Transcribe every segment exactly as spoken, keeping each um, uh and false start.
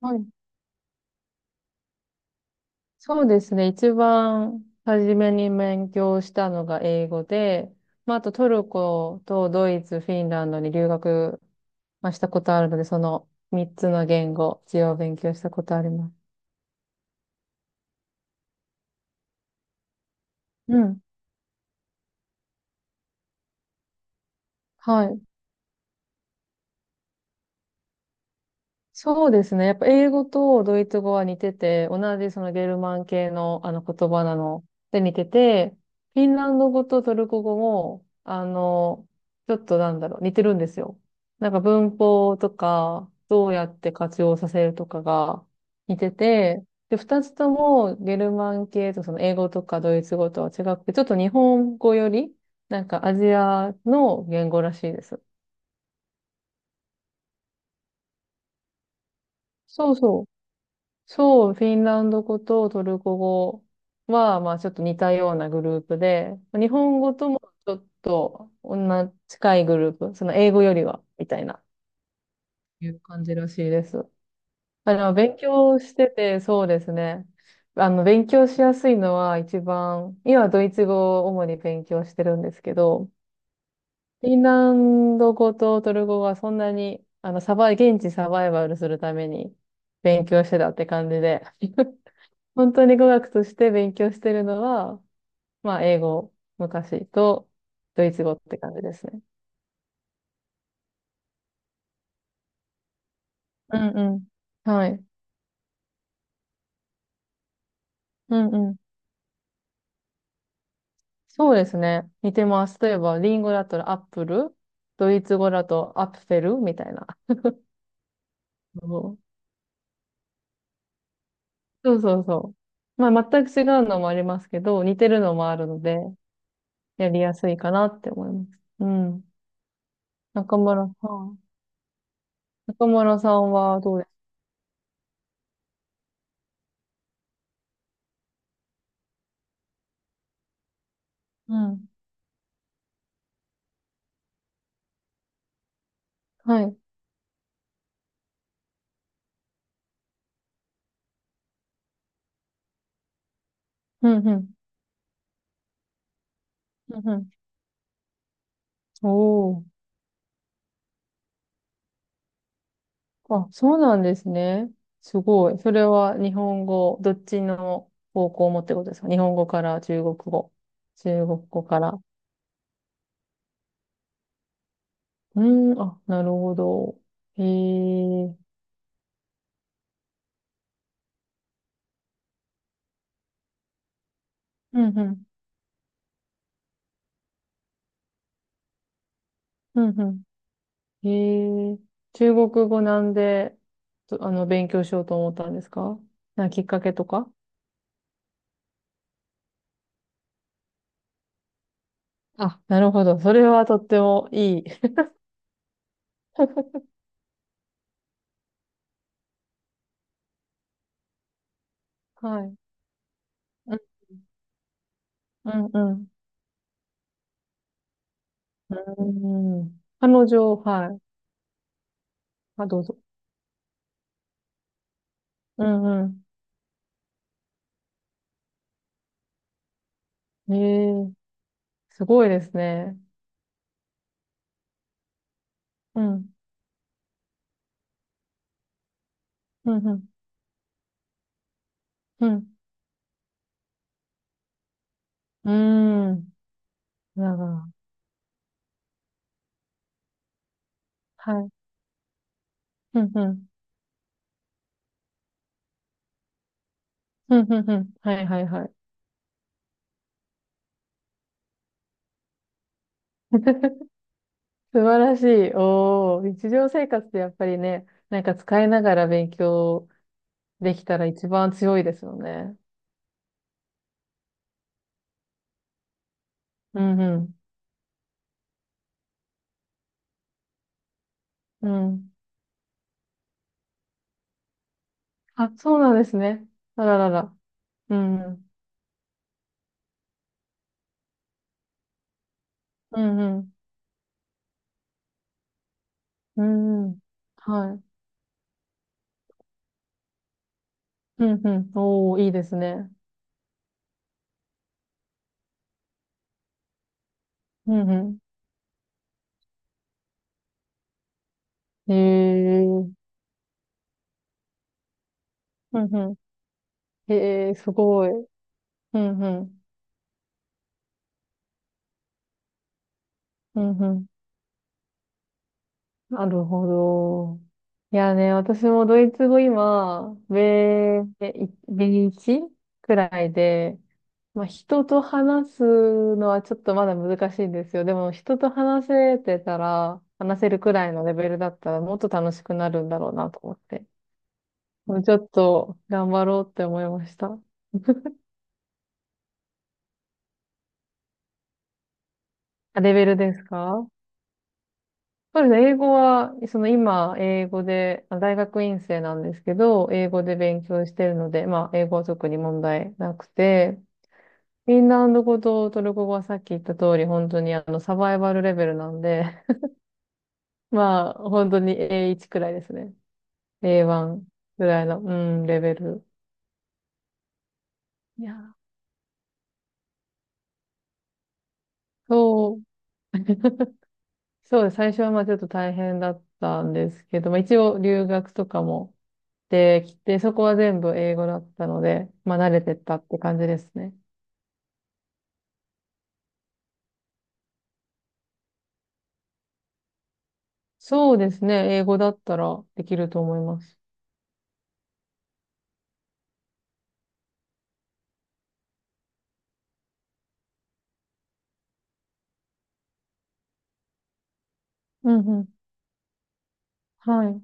はい。そうですね。一番初めに勉強したのが英語で、まあ、あとトルコとドイツ、フィンランドに留学、まあ、したことあるので、そのみっつの言語、一応勉強したことあります。うん。はい。そうですね。やっぱ英語とドイツ語は似てて、同じそのゲルマン系のあの言葉なので似てて、フィンランド語とトルコ語も、あの、ちょっとなんだろう、似てるんですよ。なんか文法とか、どうやって活用させるとかが似てて、で、二つともゲルマン系とその英語とかドイツ語とは違くて、ちょっと日本語より、なんかアジアの言語らしいです。そうそうそう、フィンランド語とトルコ語は、まあちょっと似たようなグループで、日本語ともちょっと同じ近いグループ、その英語よりは、みたいな、いう感じらしいです。あの、勉強してて、そうですね。あの、勉強しやすいのは一番、今ドイツ語を主に勉強してるんですけど、フィンランド語とトルコ語はそんなに、あの、サバイ、現地サバイバルするために勉強してたって感じで。本当に語学として勉強してるのは、まあ、英語、昔と、ドイツ語って感じですね。うんうん。はい。うんうん。そうですね。似てます。例えば、リンゴだったらアップル、ドイツ語だとアッフェルみたいな。そうそうそうそう。まあ、全く違うのもありますけど、似てるのもあるので、やりやすいかなって思います。うん。中村さん。中村さんはどうですか？うん。はい。うんうん。うんうん。おー。あ、そうなんですね。すごい。それは日本語、どっちの方向もってことですか？日本語から中国語。中国語から。うーん、あ、なるほど。へえ。うんうん。うんうん。へえ。中国語なんで、とあの、勉強しようと思ったんですか？なんかきっかけとか。あ、なるほど。それはとってもいい。はい。うんうんうん。うん。彼女、はい。あ、どうぞ。うんうん。へえ、すごいですね。うん。うん、うん、うん。うーん。なるほど。はい。うん、うん。うん、うん、うん。はい、はい、はい。素晴らしい。おー。日常生活でやっぱりね、なんか使いながら勉強できたら一番強いですよね。うん、うん。うん。あ、そうなんですね。あららら。うん、うん。うん、うん。うん、うん。はい。うん、うん。おー、いいですね。うん、うん。へえ。うん、うん。へえ、すごい。うんうん。うんうん。なるほど。いやね、私もドイツ語今、ベーワンくらいで、まあ人と話すのはちょっとまだ難しいんですよ。でも人と話せてたら、話せるくらいのレベルだったらもっと楽しくなるんだろうなと思って。もうちょっと頑張ろうって思いました。あ、レベルですか？そうですね。英語は、その今、英語で、まあ大学院生なんですけど、英語で勉強してるので、まあ、英語は特に問題なくて、フィンランド語とトルコ語はさっき言った通り、本当にあの、サバイバルレベルなんで、まあ、本当に エーワン くらいですね。エーワン くらいの、うん、レベル。いやー、そう、そうです。最初はまあ、ちょっと大変だったんですけど、まあ、一応留学とかもできて、そこは全部英語だったので、まあ、慣れてったって感じですね。そうですね。英語だったらできると思います。うんうん。はい。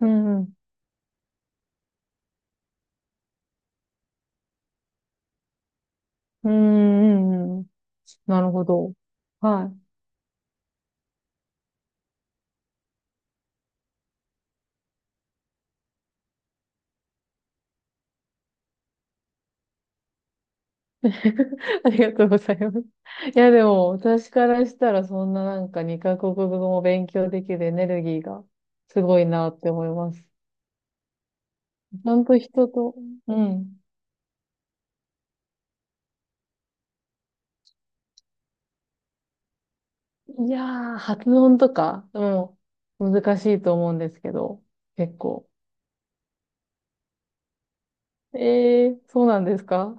うんうん。うんうんうん。なるほど。はい。ありがとうございます。いや、でも、私からしたら、そんななんかにカ国語も勉強できるエネルギーがすごいなって思います。ちゃんと人と、うん。いやー、発音とか、もう難しいと思うんですけど、結構。えー、そうなんですか？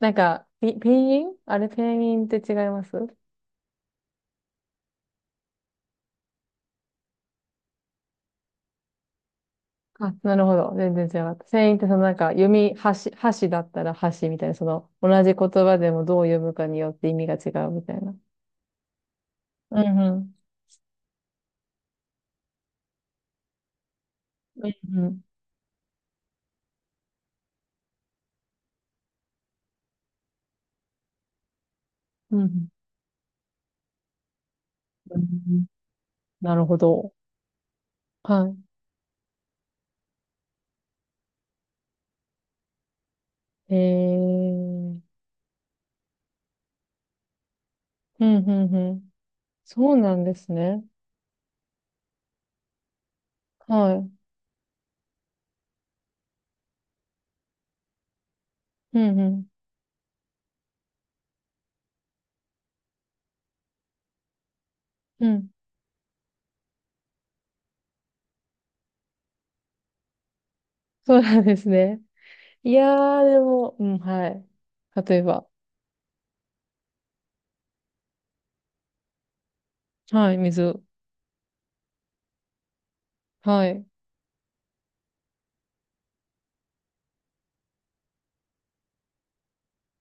なんか、ピ、ピンインあれ、ペンインって違います？あ、なるほど。全然違かった。ペンインってそのなんか、読み、箸、箸だったら箸みたいな、その、同じ言葉でもどう読むかによって意味が違うみたいな。うんうん。うんうん。うんうん。うん、なるほど。はい。えー。うんうんうん。そうなんですね。はい。うんうん。うん。そうなんですね。いやー、でも、うん、はい。例えば、はい、水。はい。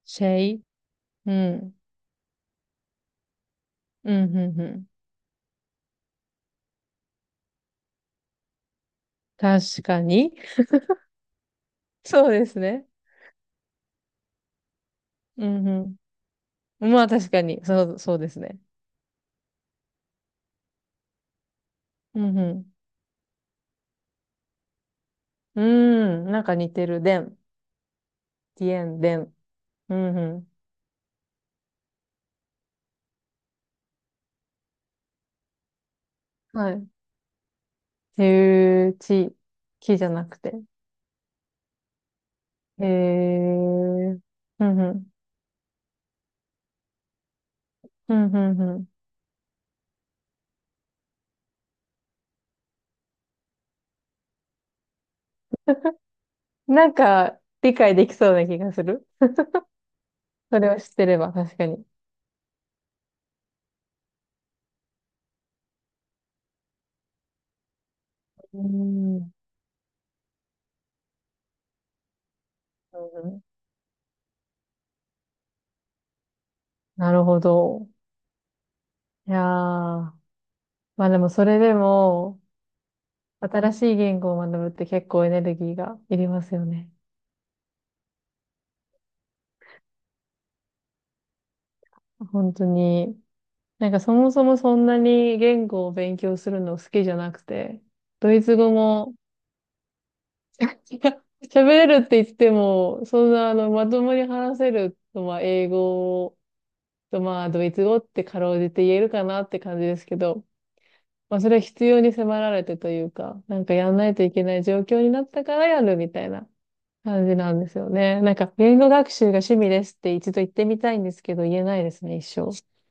シェイ。うん。うん、うん、うん。確かに。そうですね。うん、うん。まあ確かに、そう、そうですね。うん、うん。うん、なんか似てる。でん。ディエン、でん。うん、うん。はい。ていうち、きじゃなくて。へえ。うん、うん。うん、うん、うん。なんか、理解できそうな気がする。それを知ってれば、確かに。うん。うん、なるほど。いやー。まあでもそれでも、新しい言語を学ぶって結構エネルギーがいりますよね。本当に。なんかそもそもそんなに言語を勉強するの好きじゃなくて、ドイツ語も 喋れるって言っても、そんなあのまともに話せると、まあ英語とまあドイツ語ってかろうじて言えるかなって感じですけど、まあそれは必要に迫られてというか、なんかやんないといけない状況になったからやるみたいな感じなんですよね。なんか、言語学習が趣味ですって一度言ってみたいんですけど、言えないですね、一生。